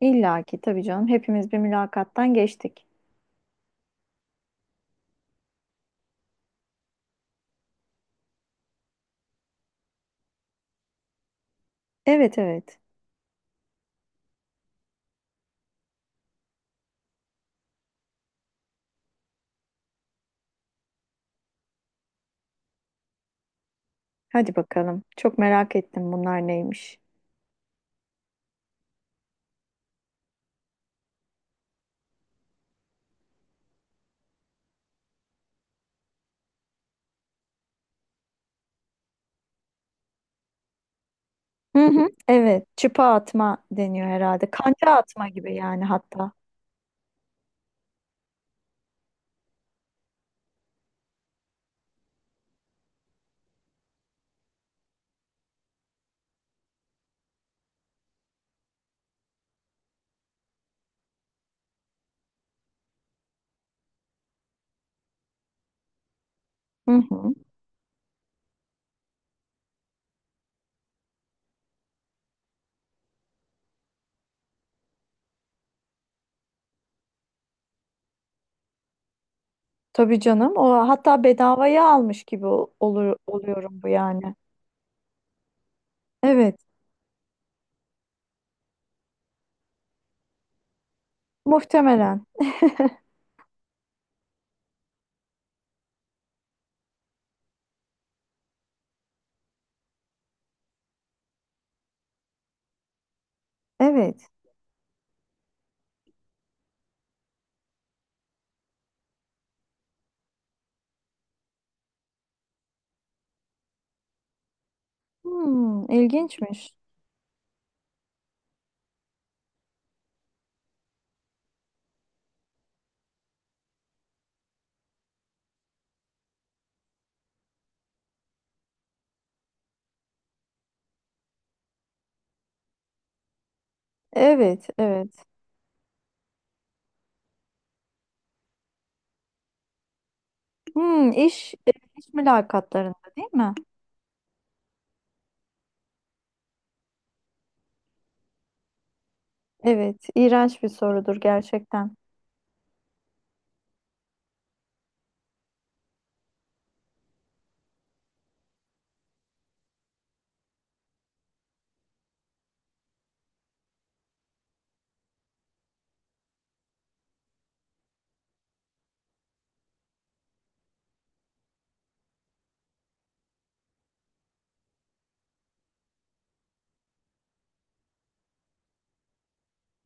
İlla ki tabii canım. Hepimiz bir mülakattan geçtik. Evet, evet. Hadi bakalım, çok merak ettim bunlar neymiş. Hı hı. Evet. Çıpa atma deniyor herhalde. Kanca atma gibi yani hatta. Hı hı. Tabii canım. O hatta bedavaya almış gibi olur oluyorum bu yani. Evet. Muhtemelen. Evet. Hmm, ilginçmiş. Evet, evet. Hmm, iş mülakatlarında değil mi? Evet, iğrenç bir sorudur gerçekten.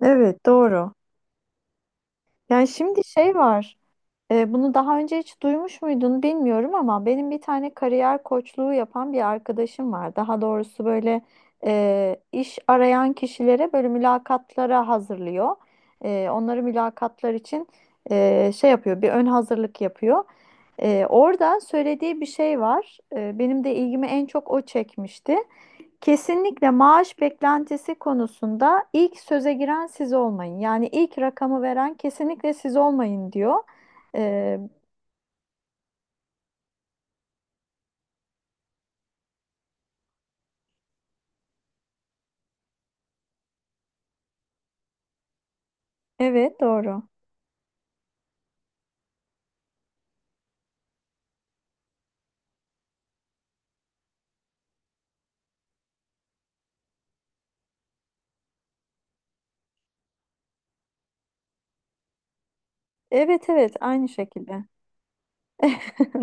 Evet, doğru. Yani şimdi şey var. Bunu daha önce hiç duymuş muydun bilmiyorum, ama benim bir tane kariyer koçluğu yapan bir arkadaşım var. Daha doğrusu böyle iş arayan kişilere böyle mülakatlara hazırlıyor. Onları mülakatlar için şey yapıyor, bir ön hazırlık yapıyor. Orada söylediği bir şey var. Benim de ilgimi en çok o çekmişti. Kesinlikle maaş beklentisi konusunda ilk söze giren siz olmayın. Yani ilk rakamı veren kesinlikle siz olmayın diyor. Ee, evet doğru. Evet evet, aynı şekilde.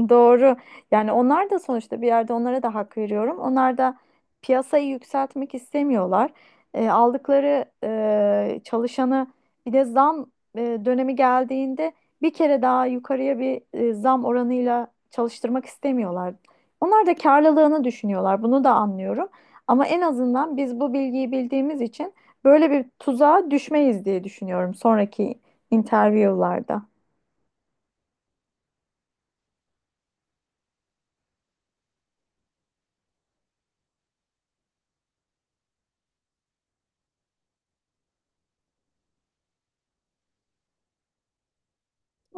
Doğru. Yani onlar da sonuçta bir yerde, onlara da hak veriyorum. Onlar da piyasayı yükseltmek istemiyorlar. Aldıkları çalışanı bir de zam dönemi geldiğinde bir kere daha yukarıya bir zam oranıyla çalıştırmak istemiyorlar. Onlar da karlılığını düşünüyorlar. Bunu da anlıyorum. Ama en azından biz bu bilgiyi bildiğimiz için böyle bir tuzağa düşmeyiz diye düşünüyorum sonraki interview'larda.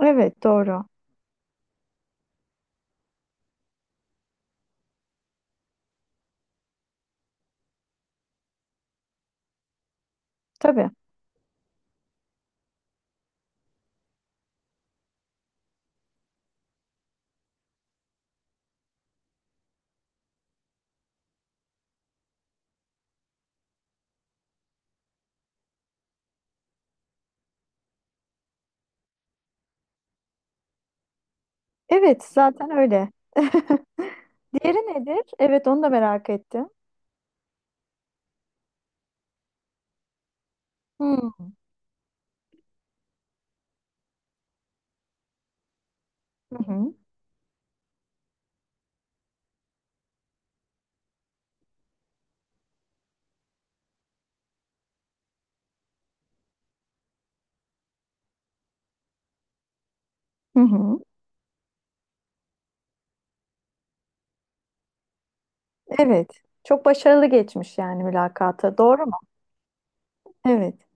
Evet, doğru. Tabii. Evet, zaten öyle. Diğeri nedir? Evet, onu da merak ettim. Hmm. Hı hı. Hı hı. Evet. Çok başarılı geçmiş yani mülakata. Doğru mu? Evet.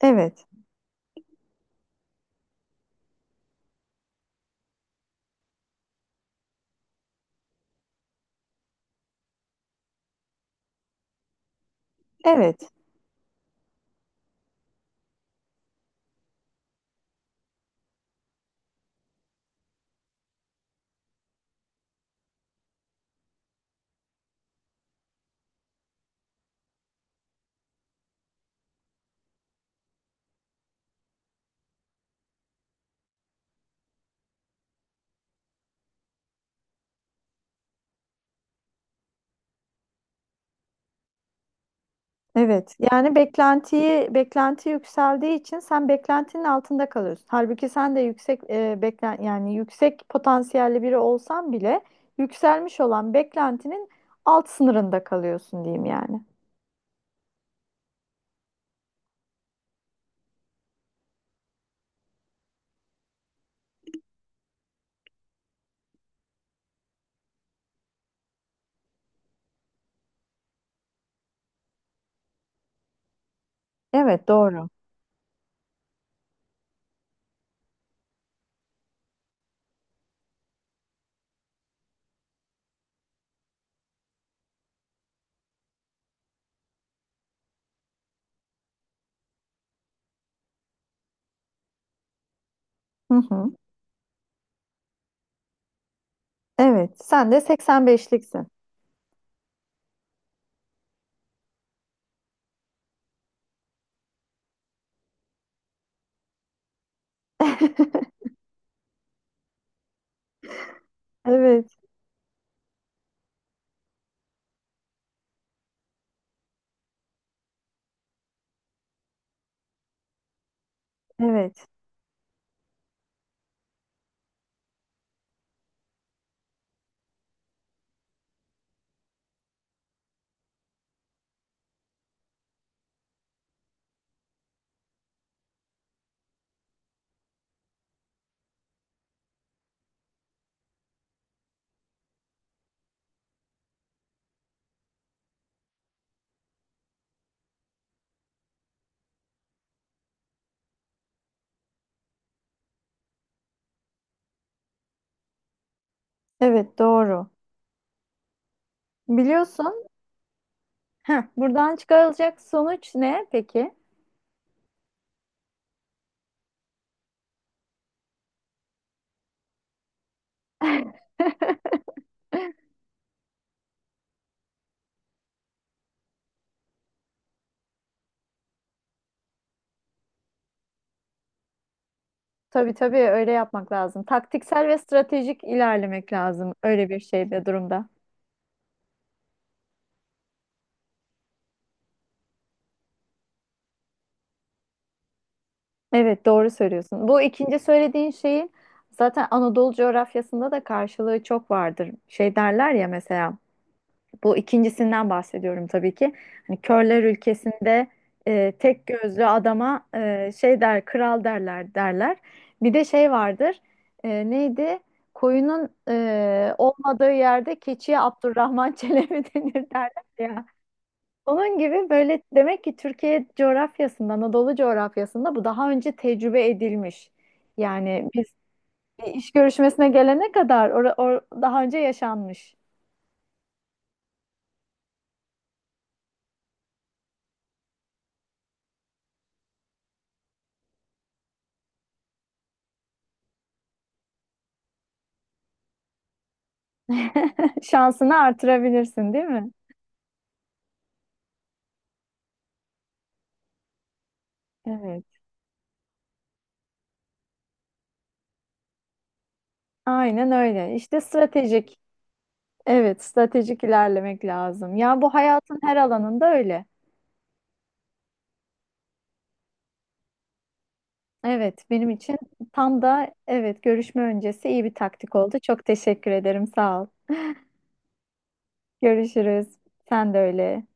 Evet. Evet. Evet. Yani beklentiyi, beklenti yükseldiği için sen beklentinin altında kalıyorsun. Halbuki sen de yüksek yani yüksek potansiyelli biri olsan bile yükselmiş olan beklentinin alt sınırında kalıyorsun diyeyim yani. Evet doğru. Hı hı. Evet. Sen de 85'liksin. Evet. Evet. Evet doğru. Biliyorsun. Heh, buradan çıkarılacak sonuç ne peki? Tabii tabii, öyle yapmak lazım. Taktiksel ve stratejik ilerlemek lazım öyle bir şeyde, durumda. Evet doğru söylüyorsun. Bu ikinci söylediğin şeyin zaten Anadolu coğrafyasında da karşılığı çok vardır. Şey derler ya mesela, bu ikincisinden bahsediyorum tabii ki. Hani körler ülkesinde tek gözlü adama şey der, kral derler derler. Bir de şey vardır. Neydi? Koyunun olmadığı yerde keçiye Abdurrahman Çelebi denir derler ya. Onun gibi, böyle demek ki Türkiye coğrafyasında, Anadolu coğrafyasında bu daha önce tecrübe edilmiş. Yani biz iş görüşmesine gelene kadar daha önce yaşanmış. Şansını artırabilirsin, değil mi? Evet. Aynen öyle. İşte stratejik. Evet, stratejik ilerlemek lazım. Ya bu hayatın her alanında öyle. Evet, benim için tam da, evet, görüşme öncesi iyi bir taktik oldu. Çok teşekkür ederim. Sağ ol. Görüşürüz. Sen de öyle.